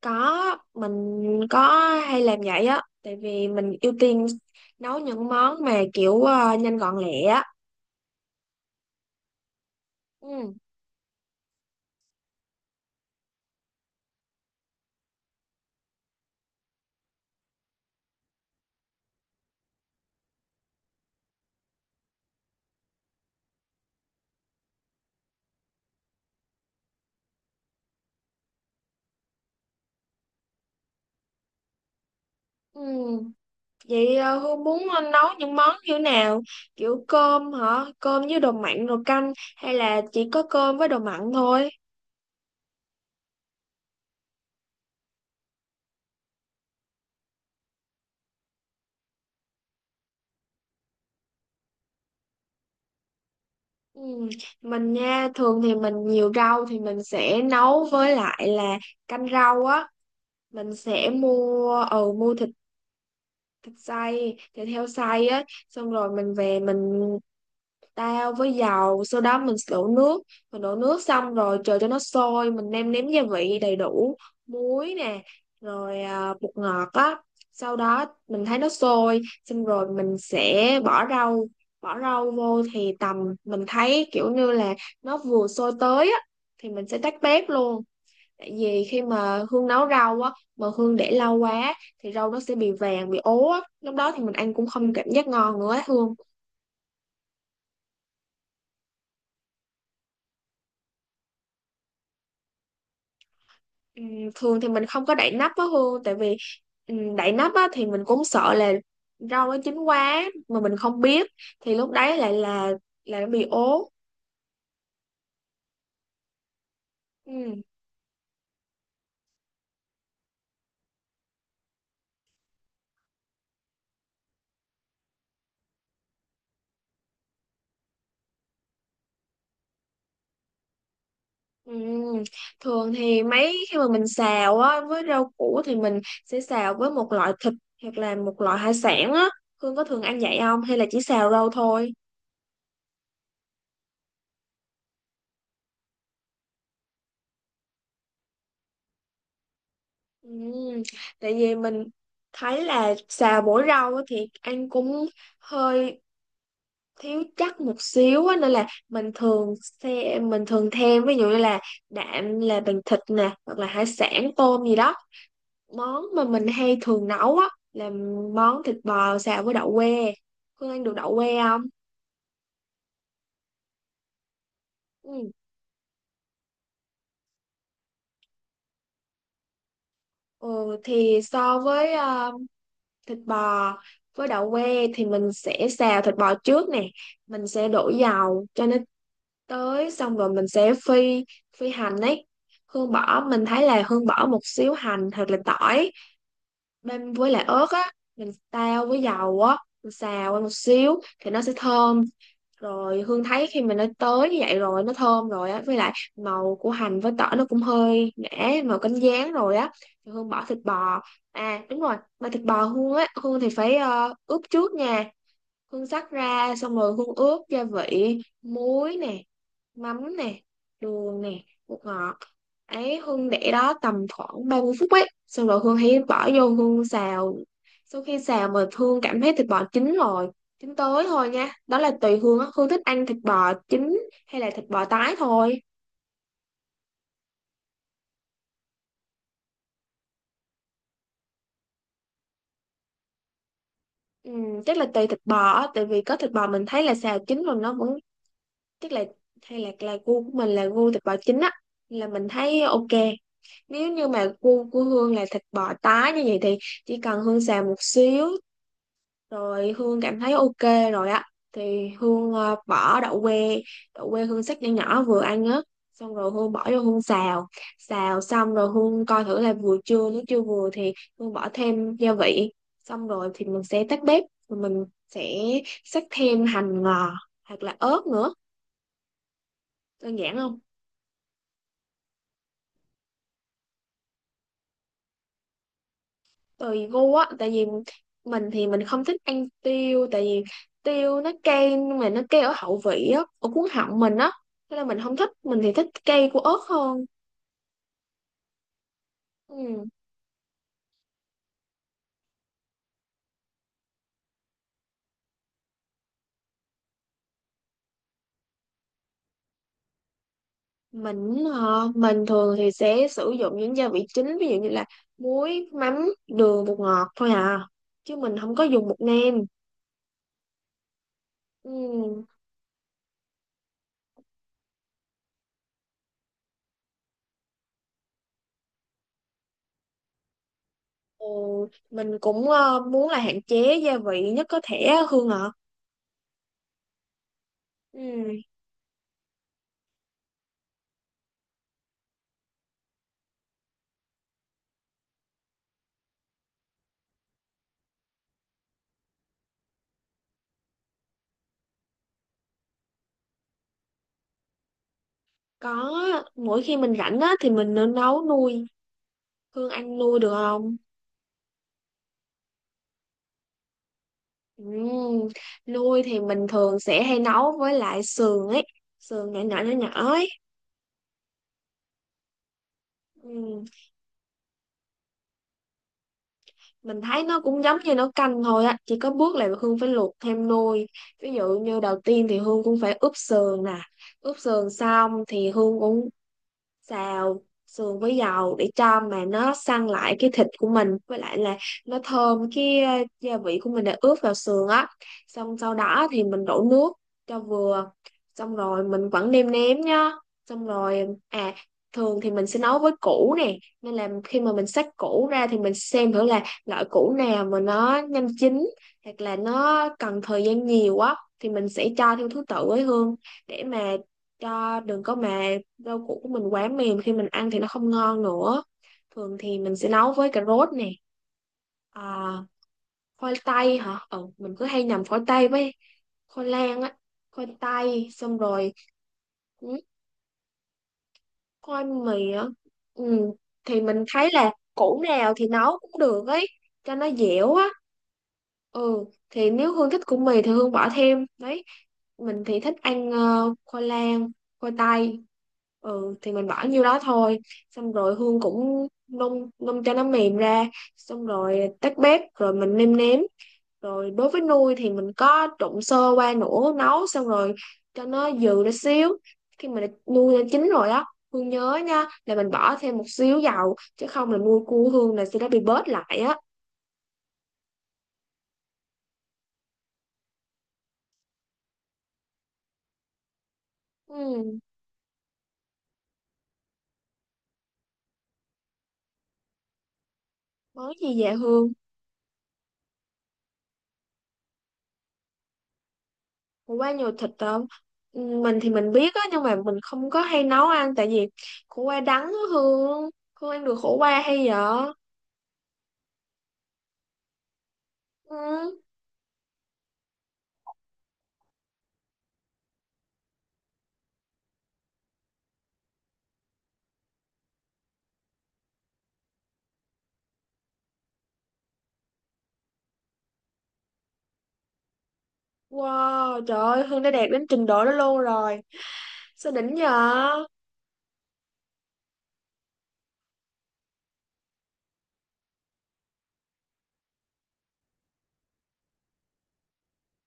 Có, mình có hay làm vậy á, tại vì mình ưu tiên nấu những món mà kiểu nhanh gọn lẹ á. Ừ. Ừ. Vậy Hương muốn nấu những món như nào? Kiểu cơm hả? Cơm với đồ mặn rồi canh hay là chỉ có cơm với đồ mặn thôi? Ừ. Mình nha, thường thì mình nhiều rau thì mình sẽ nấu với lại là canh rau á. Mình sẽ mua, mua thịt thịt xay, thịt heo xay á. Xong rồi mình về mình tao với dầu, sau đó mình đổ nước xong rồi chờ cho nó sôi, mình nêm nếm gia vị đầy đủ, muối nè, rồi à, bột ngọt á. Sau đó mình thấy nó sôi xong rồi mình sẽ bỏ rau vô thì tầm mình thấy kiểu như là nó vừa sôi tới á thì mình sẽ tắt bếp luôn. Tại vì khi mà Hương nấu rau á mà Hương để lâu quá thì rau nó sẽ bị vàng bị ố á, lúc đó thì mình ăn cũng không cảm giác ngon nữa á Hương. Ừm, thường thì mình không có đậy nắp á Hương, tại vì đậy nắp á thì mình cũng sợ là rau nó chín quá mà mình không biết, thì lúc đấy lại là nó bị ố. Ừm, ừm. Thường thì mấy khi mà mình xào á với rau củ thì mình sẽ xào với một loại thịt hoặc là một loại hải sản á. Hương có thường ăn vậy không hay là chỉ xào rau thôi? Ừm, tại vì mình thấy là xào mỗi rau á thì ăn cũng hơi thiếu chắc một xíu á, nên là mình thường thêm ví dụ như là đạm là bằng thịt nè hoặc là hải sản tôm gì đó. Món mà mình hay thường nấu á là món thịt bò xào với đậu que. Hương ăn được đậu que không? Ừ. Ừ thì so với thịt bò với đậu que thì mình sẽ xào thịt bò trước nè. Mình sẽ đổ dầu cho nó tới xong rồi mình sẽ phi phi hành ấy. Hương bỏ Mình thấy là Hương bỏ một xíu hành hoặc là tỏi, bên với lại ớt á, mình tao với dầu á, mình xào qua một xíu thì nó sẽ thơm. Rồi Hương thấy khi mình nó tới như vậy rồi, nó thơm rồi á, với lại màu của hành với tỏi nó cũng hơi ngã màu cánh gián rồi á, thì Hương bỏ thịt bò. À đúng rồi, mà thịt bò Hương á, Hương thì phải ướp trước nha. Hương xắt ra xong rồi Hương ướp gia vị, muối nè, mắm nè, đường nè, bột ngọt. Ấy Hương để đó tầm khoảng 30 phút ấy, xong rồi Hương hãy bỏ vô Hương xào. Sau khi xào mà Hương cảm thấy thịt bò chín rồi, chín tới thôi nha, đó là tùy Hương á, Hương thích ăn thịt bò chín hay là thịt bò tái thôi. Ừ, chắc là tùy thịt bò á, tại vì có thịt bò mình thấy là xào chín rồi nó vẫn chắc là, hay là gu của mình là gu thịt bò chín á, là mình thấy ok. Nếu như mà gu của Hương là thịt bò tái như vậy thì chỉ cần Hương xào một xíu rồi Hương cảm thấy ok rồi á, thì Hương bỏ đậu que. Đậu que Hương xắt nhỏ nhỏ vừa ăn á, xong rồi Hương bỏ vô Hương xào. Xào xong rồi Hương coi thử là vừa chưa, nếu chưa vừa thì Hương bỏ thêm gia vị, xong rồi thì mình sẽ tắt bếp rồi mình sẽ xắt thêm hành ngò hoặc là ớt nữa. Đơn giản không? Tùy gu á, tại vì mình thì mình không thích ăn tiêu, tại vì tiêu nó cay, mà nó cay ở hậu vị á, ở cuốn họng mình á, nên là mình không thích, mình thì thích cay của ớt hơn. Ừ. mình thường thì sẽ sử dụng những gia vị chính, ví dụ như là muối, mắm, đường, bột ngọt thôi à, chứ mình không có dùng bột nêm. Ừ. Ừ. Mình cũng muốn là hạn chế gia vị nhất có thể á, Hương ạ. Ừ. Có, mỗi khi mình rảnh á thì mình nấu nuôi. Hương anh nuôi được không? Ừm, Nuôi thì mình thường sẽ hay nấu với lại sườn ấy, sườn nhỏ nhỏ nhỏ nhỏ ấy. Ừm, Mình thấy nó cũng giống như nấu canh thôi á, chỉ có bước là Hương phải luộc thêm nồi. Ví dụ như đầu tiên thì Hương cũng phải ướp sườn nè, ướp sườn xong thì Hương cũng xào sườn với dầu để cho mà nó săn lại cái thịt của mình, với lại là nó thơm cái gia vị của mình đã ướp vào sườn á. Xong sau đó thì mình đổ nước cho vừa, xong rồi mình vẫn nêm nếm nhá. Xong rồi à, thường thì mình sẽ nấu với củ nè, nên là khi mà mình xách củ ra thì mình xem thử là loại củ nào mà nó nhanh chín hoặc là nó cần thời gian nhiều á, thì mình sẽ cho theo thứ tự với Hương, để mà cho đừng có mà rau củ của mình quá mềm khi mình ăn thì nó không ngon nữa. Thường thì mình sẽ nấu với cà rốt nè, à, khoai tây hả, ừ, mình cứ hay nhầm khoai tây với khoai lang á. Khoai tây xong rồi, ừ, khoai mì á. Ừ, thì mình thấy là củ nào thì nấu cũng được ấy, cho nó dẻo á. Ừ thì nếu Hương thích củ mì thì Hương bỏ thêm đấy. Mình thì thích ăn khoai lang, khoai tây. Ừ thì mình bỏ nhiêu đó thôi, xong rồi Hương cũng nung nung cho nó mềm ra, xong rồi tắt bếp rồi mình nêm nếm. Rồi đối với nuôi thì mình có trộn sơ qua nữa, nấu xong rồi cho nó dừ ra xíu. Khi mà nuôi nó chín rồi á, Hương nhớ nha là mình bỏ thêm một xíu dầu, chứ không là nuôi cua Hương là sẽ đã bị bớt lại á. Ừ. Món gì vậy Hương? Ủa, qua nhiều thịt không? Ừ, mình thì mình biết á nhưng mà mình không có hay nấu ăn, tại vì khổ qua đắng á Hương. Hương ăn được khổ qua hay vậy? Ừ. Wow, trời ơi, Hương đã đạt đến trình độ đó luôn rồi. Sao đỉnh vậy?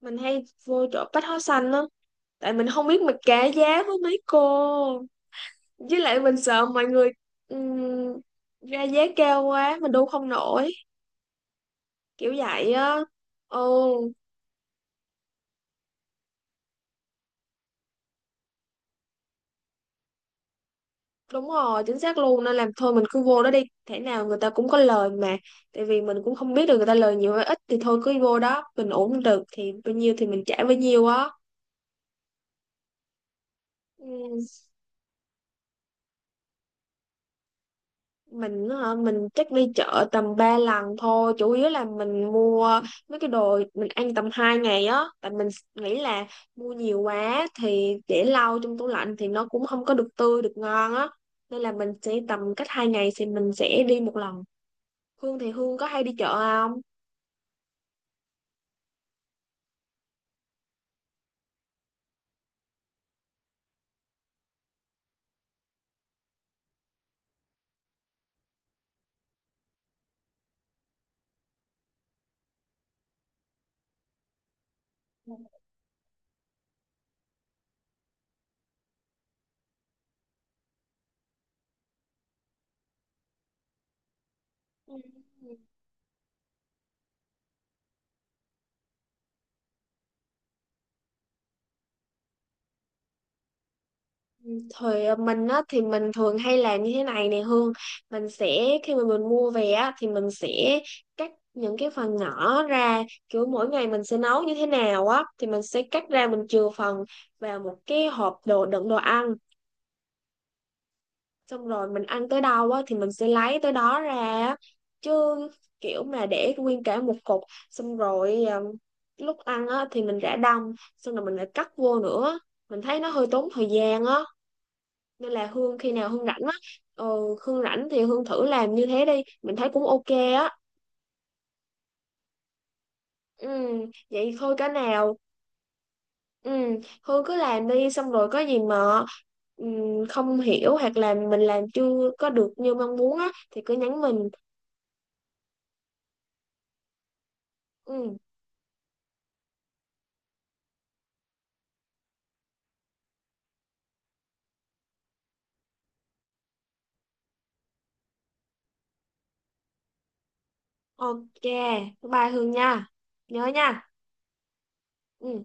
Mình hay vô chỗ bách hóa xanh á. Tại mình không biết mình cả giá với mấy cô. Với lại mình sợ mọi người ừm, ra giá cao quá, mình đu không nổi. Kiểu vậy á. Ừ. Đúng rồi, chính xác luôn, nên làm thôi mình cứ vô đó đi, thể nào người ta cũng có lời mà. Tại vì mình cũng không biết được người ta lời nhiều hay ít, thì thôi cứ vô đó, mình ổn được thì bao nhiêu thì mình trả bấy nhiêu á. Ừ, mình hả, mình chắc đi chợ tầm 3 lần thôi, chủ yếu là mình mua mấy cái đồ mình ăn tầm 2 ngày á, tại mình nghĩ là mua nhiều quá thì để lâu trong tủ lạnh thì nó cũng không có được tươi được ngon á. Nên là mình sẽ tầm cách 2 ngày thì mình sẽ đi một lần. Hương thì Hương có hay đi chợ không? Ừ, thời mình á, thì mình thường hay làm như thế này nè Hương. Mình sẽ khi mà mình mua về á, thì mình sẽ cắt những cái phần nhỏ ra, kiểu mỗi ngày mình sẽ nấu như thế nào á thì mình sẽ cắt ra, mình chừa phần vào một cái hộp đồ đựng đồ ăn, xong rồi mình ăn tới đâu á, thì mình sẽ lấy tới đó ra á. Chứ kiểu mà để nguyên cả một cục, xong rồi lúc ăn á, thì mình rã đông xong rồi mình lại cắt vô nữa, mình thấy nó hơi tốn thời gian á. Nên là Hương khi nào Hương rảnh á, ờ, Hương rảnh thì Hương thử làm như thế đi, mình thấy cũng ok á. Ừ, vậy thôi cái nào, ừ, Hương cứ làm đi xong rồi có gì mà ừ, không hiểu hoặc là mình làm chưa có được như mong muốn á thì cứ nhắn mình. Ừ, ok, bye Hương nha, nhớ nha. Ừ.